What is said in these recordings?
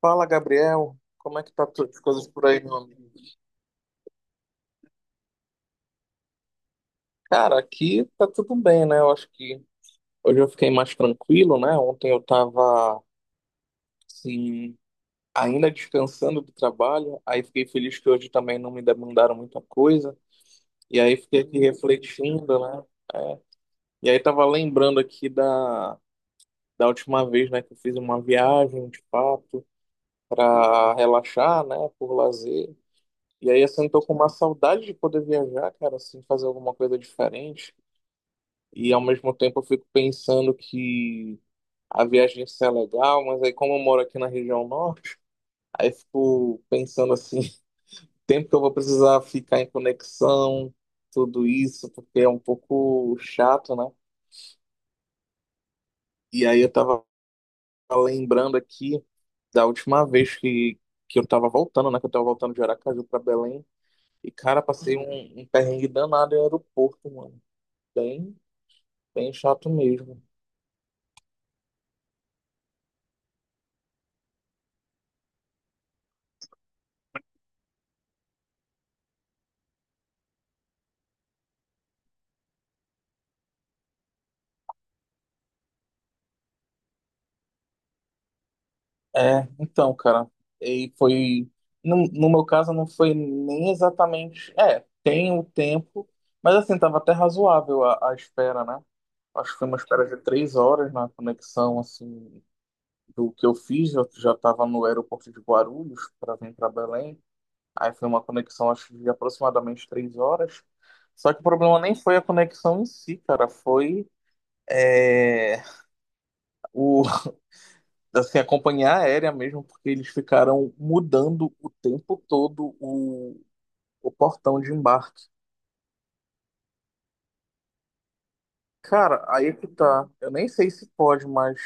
Fala, Gabriel. Como é que as coisas por aí, meu amigo? Cara, aqui tá tudo bem, né? Eu acho que hoje eu fiquei mais tranquilo, né? Ontem eu tava, assim, ainda descansando do trabalho, aí fiquei feliz que hoje também não me demandaram muita coisa, e aí fiquei aqui refletindo, né? É. E aí tava lembrando aqui da última vez, né, que eu fiz uma viagem, de fato, pra relaxar, né, por lazer. E aí, assim, tô com uma saudade de poder viajar, cara, assim, fazer alguma coisa diferente. E ao mesmo tempo eu fico pensando que a viagem ia ser legal, mas aí como eu moro aqui na região norte, aí eu fico pensando assim, tempo que eu vou precisar ficar em conexão, tudo isso, porque é um pouco chato, né? E aí eu tava lembrando aqui da última vez que eu tava voltando, né? Que eu tava voltando de Aracaju pra Belém. E, cara, passei um perrengue danado em aeroporto, mano. Bem, bem chato mesmo. É, então, cara, e foi. No meu caso, não foi nem exatamente. É, tem o tempo, mas assim, tava até razoável a espera, né? Acho que foi uma espera de 3 horas na conexão, assim, do que eu fiz. Eu já tava no aeroporto de Guarulhos para vir para Belém. Aí foi uma conexão, acho, de aproximadamente 3 horas. Só que o problema nem foi a conexão em si, cara, foi. É, o, assim, a companhia aérea mesmo, porque eles ficaram mudando o tempo todo o portão de embarque. Cara, aí é que tá. Eu nem sei se pode, mas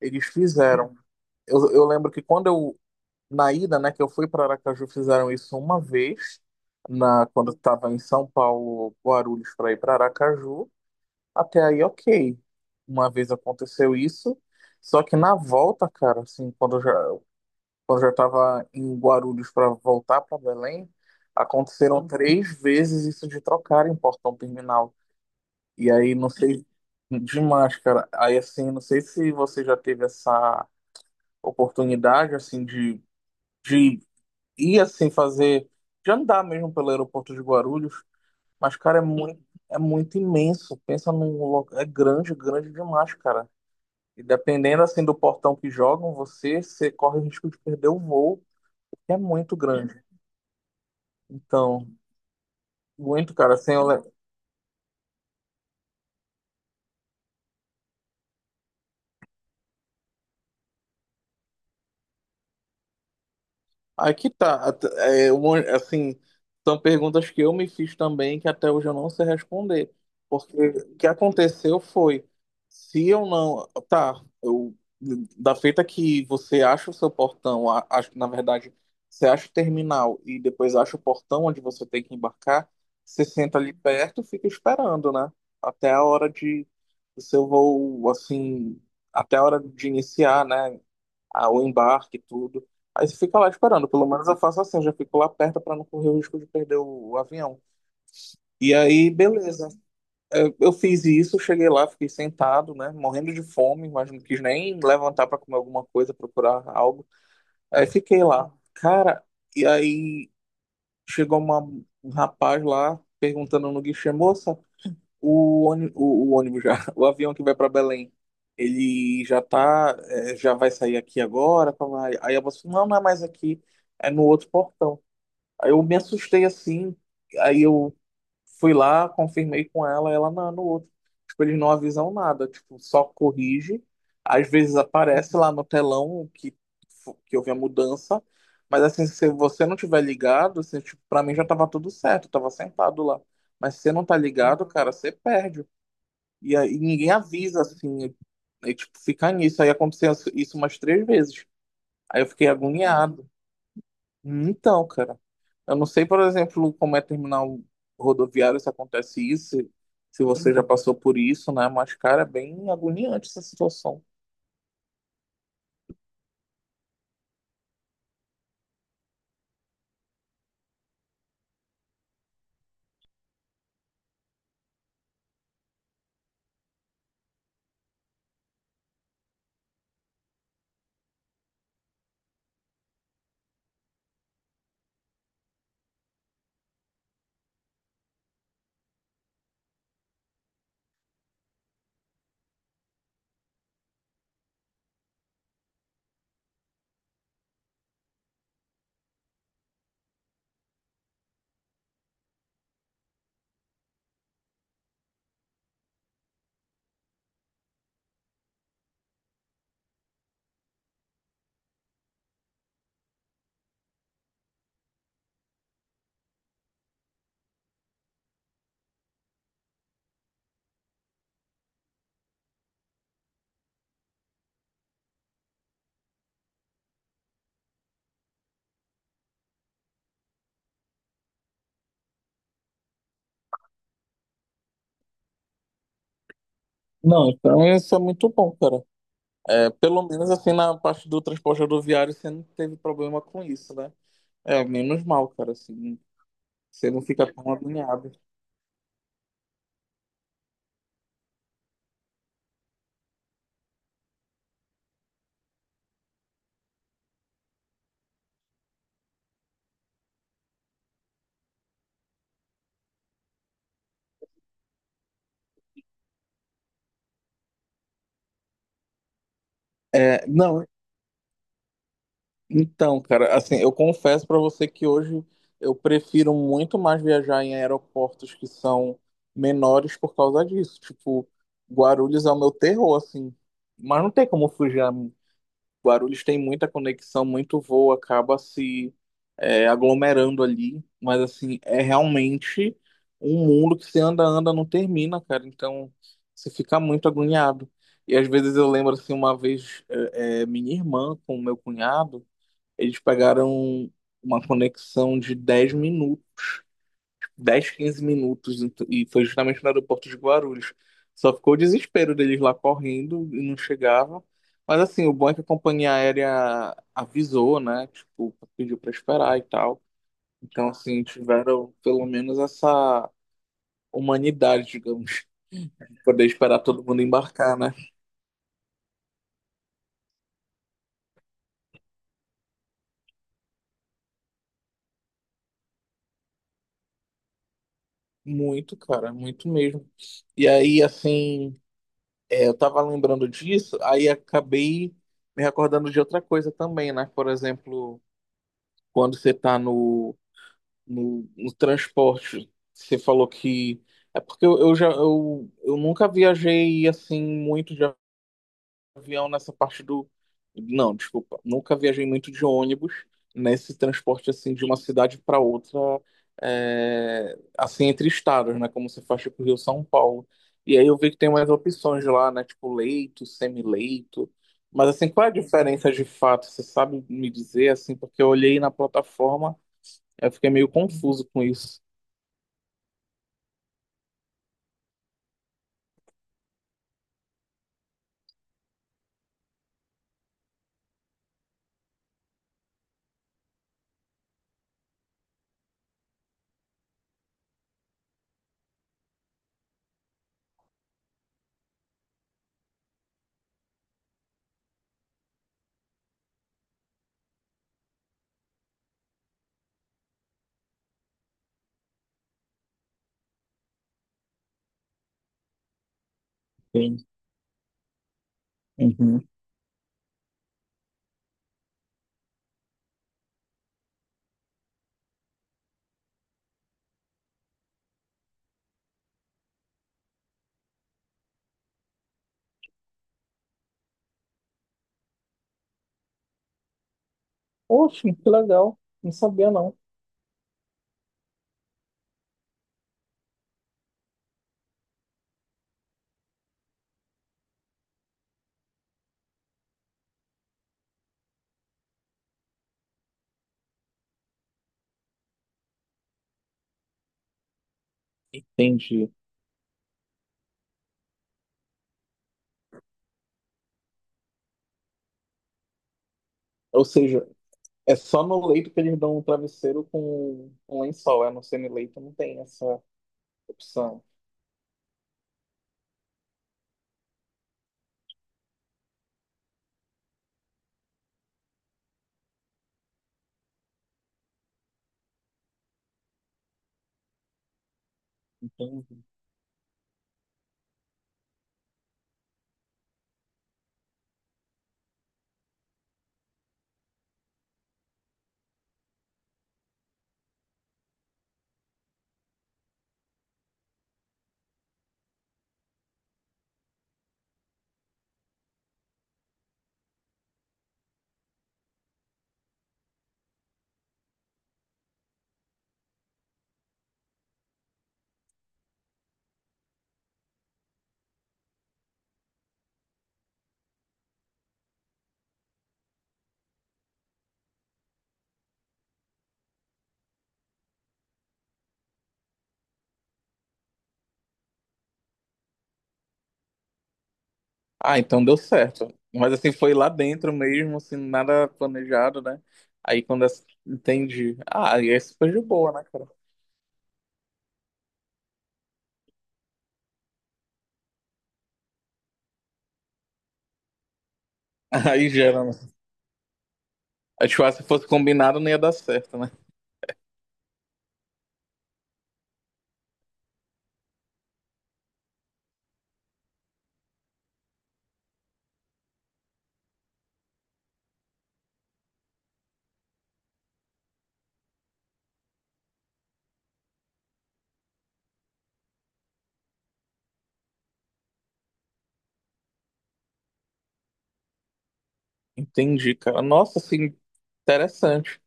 eles fizeram. Eu lembro que na ida, né, que eu fui para Aracaju, fizeram isso uma vez, quando eu tava em São Paulo, Guarulhos, para ir para Aracaju. Até aí, ok. Uma vez aconteceu isso. Só que na volta, cara, assim, quando eu já estava em Guarulhos para voltar para Belém, aconteceram 3 vezes isso de trocarem o portão terminal. E aí, não sei, demais, cara. Aí, assim, não sei se você já teve essa oportunidade, assim, de ir, assim, fazer, de andar mesmo pelo aeroporto de Guarulhos, mas, cara, é muito imenso. Pensa num local, é grande, grande demais, cara. E dependendo, assim, do portão que jogam você, você corre o risco de perder o voo, porque é muito grande. Então, muito, cara, assim, eu le- aqui tá, at- é, um- assim, são perguntas que eu me fiz também que até hoje eu não sei responder, porque o que aconteceu foi, se eu não, tá, eu, da feita que você acha o seu portão, acho que na verdade, você acha o terminal e depois acha o portão onde você tem que embarcar, você senta ali perto e fica esperando, né, até a hora do seu voo, assim, até a hora de iniciar, né? O embarque e tudo. Aí você fica lá esperando, pelo menos eu faço assim, eu já fico lá perto para não correr o risco de perder o avião. E aí, beleza. É, eu fiz isso, cheguei lá, fiquei sentado, né, morrendo de fome, mas não quis nem levantar para comer alguma coisa, procurar algo. Aí fiquei lá. Cara, e aí chegou um rapaz lá perguntando no guichê, moça. O ônibus já, o avião que vai para Belém, ele já tá, é, já vai sair aqui agora. Pá, pá. Aí a moça falou, não, não é mais aqui, é no outro portão. Aí eu me assustei assim, aí eu fui lá, confirmei com ela, ela não, é no outro. Tipo, eles não avisam nada, tipo, só corrige. Às vezes aparece lá no telão que houve a mudança, mas assim, se você não tiver ligado, assim, tipo, para mim já tava tudo certo, eu tava sentado lá. Mas se você não tá ligado, cara, você perde. E aí ninguém avisa, assim. E, tipo, fica nisso. Aí aconteceu isso umas 3 vezes. Aí eu fiquei agoniado. Então, cara, eu não sei, por exemplo, como é terminal rodoviário se acontece isso, se você já passou por isso, né? Mas, cara, é bem agoniante essa situação. Não, então isso é muito bom, cara. É, pelo menos assim na parte do transporte rodoviário você não teve problema com isso, né? É, menos mal, cara, assim, você não fica tão agoniado. É, não, então, cara, assim, eu confesso pra você que hoje eu prefiro muito mais viajar em aeroportos que são menores por causa disso. Tipo, Guarulhos é o meu terror, assim. Mas não tem como fugir. A Guarulhos tem muita conexão, muito voo, acaba se é, aglomerando ali. Mas, assim, é realmente um mundo que se anda, anda, não termina, cara. Então, você fica muito agoniado. E às vezes eu lembro, assim, uma vez, minha irmã com meu cunhado. Eles pegaram uma conexão de 10 minutos, 10, 15 minutos, e foi justamente no aeroporto de Guarulhos. Só ficou o desespero deles lá correndo e não chegavam. Mas assim, o bom é que a companhia aérea avisou, né? Tipo, pediu para esperar e tal. Então, assim, tiveram pelo menos essa humanidade, digamos, de poder esperar todo mundo embarcar, né? Muito, cara, muito mesmo. E aí, assim. É, eu tava lembrando disso, aí acabei me recordando de outra coisa também, né? Por exemplo, quando você tá no transporte, você falou que. É porque eu nunca viajei assim muito, de avião nessa parte do. Não, desculpa. Nunca viajei muito de ônibus nesse transporte assim de uma cidade para outra, é, assim entre estados, né? Como você faz tipo Rio São Paulo. E aí eu vi que tem umas opções lá, né? Tipo leito, semileito. Mas assim, qual é a diferença de fato? Você sabe me dizer assim? Porque eu olhei na plataforma, eu fiquei meio confuso com isso. Sim. Uhum. Poxa, que legal. Não sabia não. Entendi. Ou seja, é só no leito que eles dão um travesseiro com um lençol. É no semi-leito não tem essa opção. Entendi. Ah, então deu certo. Mas assim, foi lá dentro mesmo, assim, nada planejado, né? Entendi. Ah, e é super de boa, né, cara? Aí gera, né? Acho que se fosse combinado não ia dar certo, né? Entendi, cara. Nossa, assim, interessante.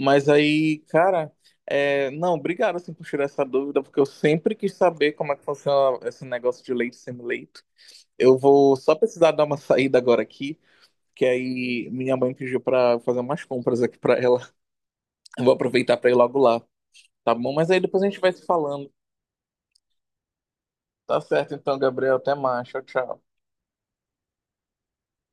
Mas aí, cara, é, não, obrigado assim por tirar essa dúvida, porque eu sempre quis saber como é que funciona esse negócio de leite e semi-leito. Eu vou só precisar dar uma saída agora aqui, que aí minha mãe pediu pra fazer umas compras aqui pra ela. Eu vou aproveitar pra ir logo lá, tá bom? Mas aí depois a gente vai se falando. Tá certo então, Gabriel. Até mais. Tchau, tchau.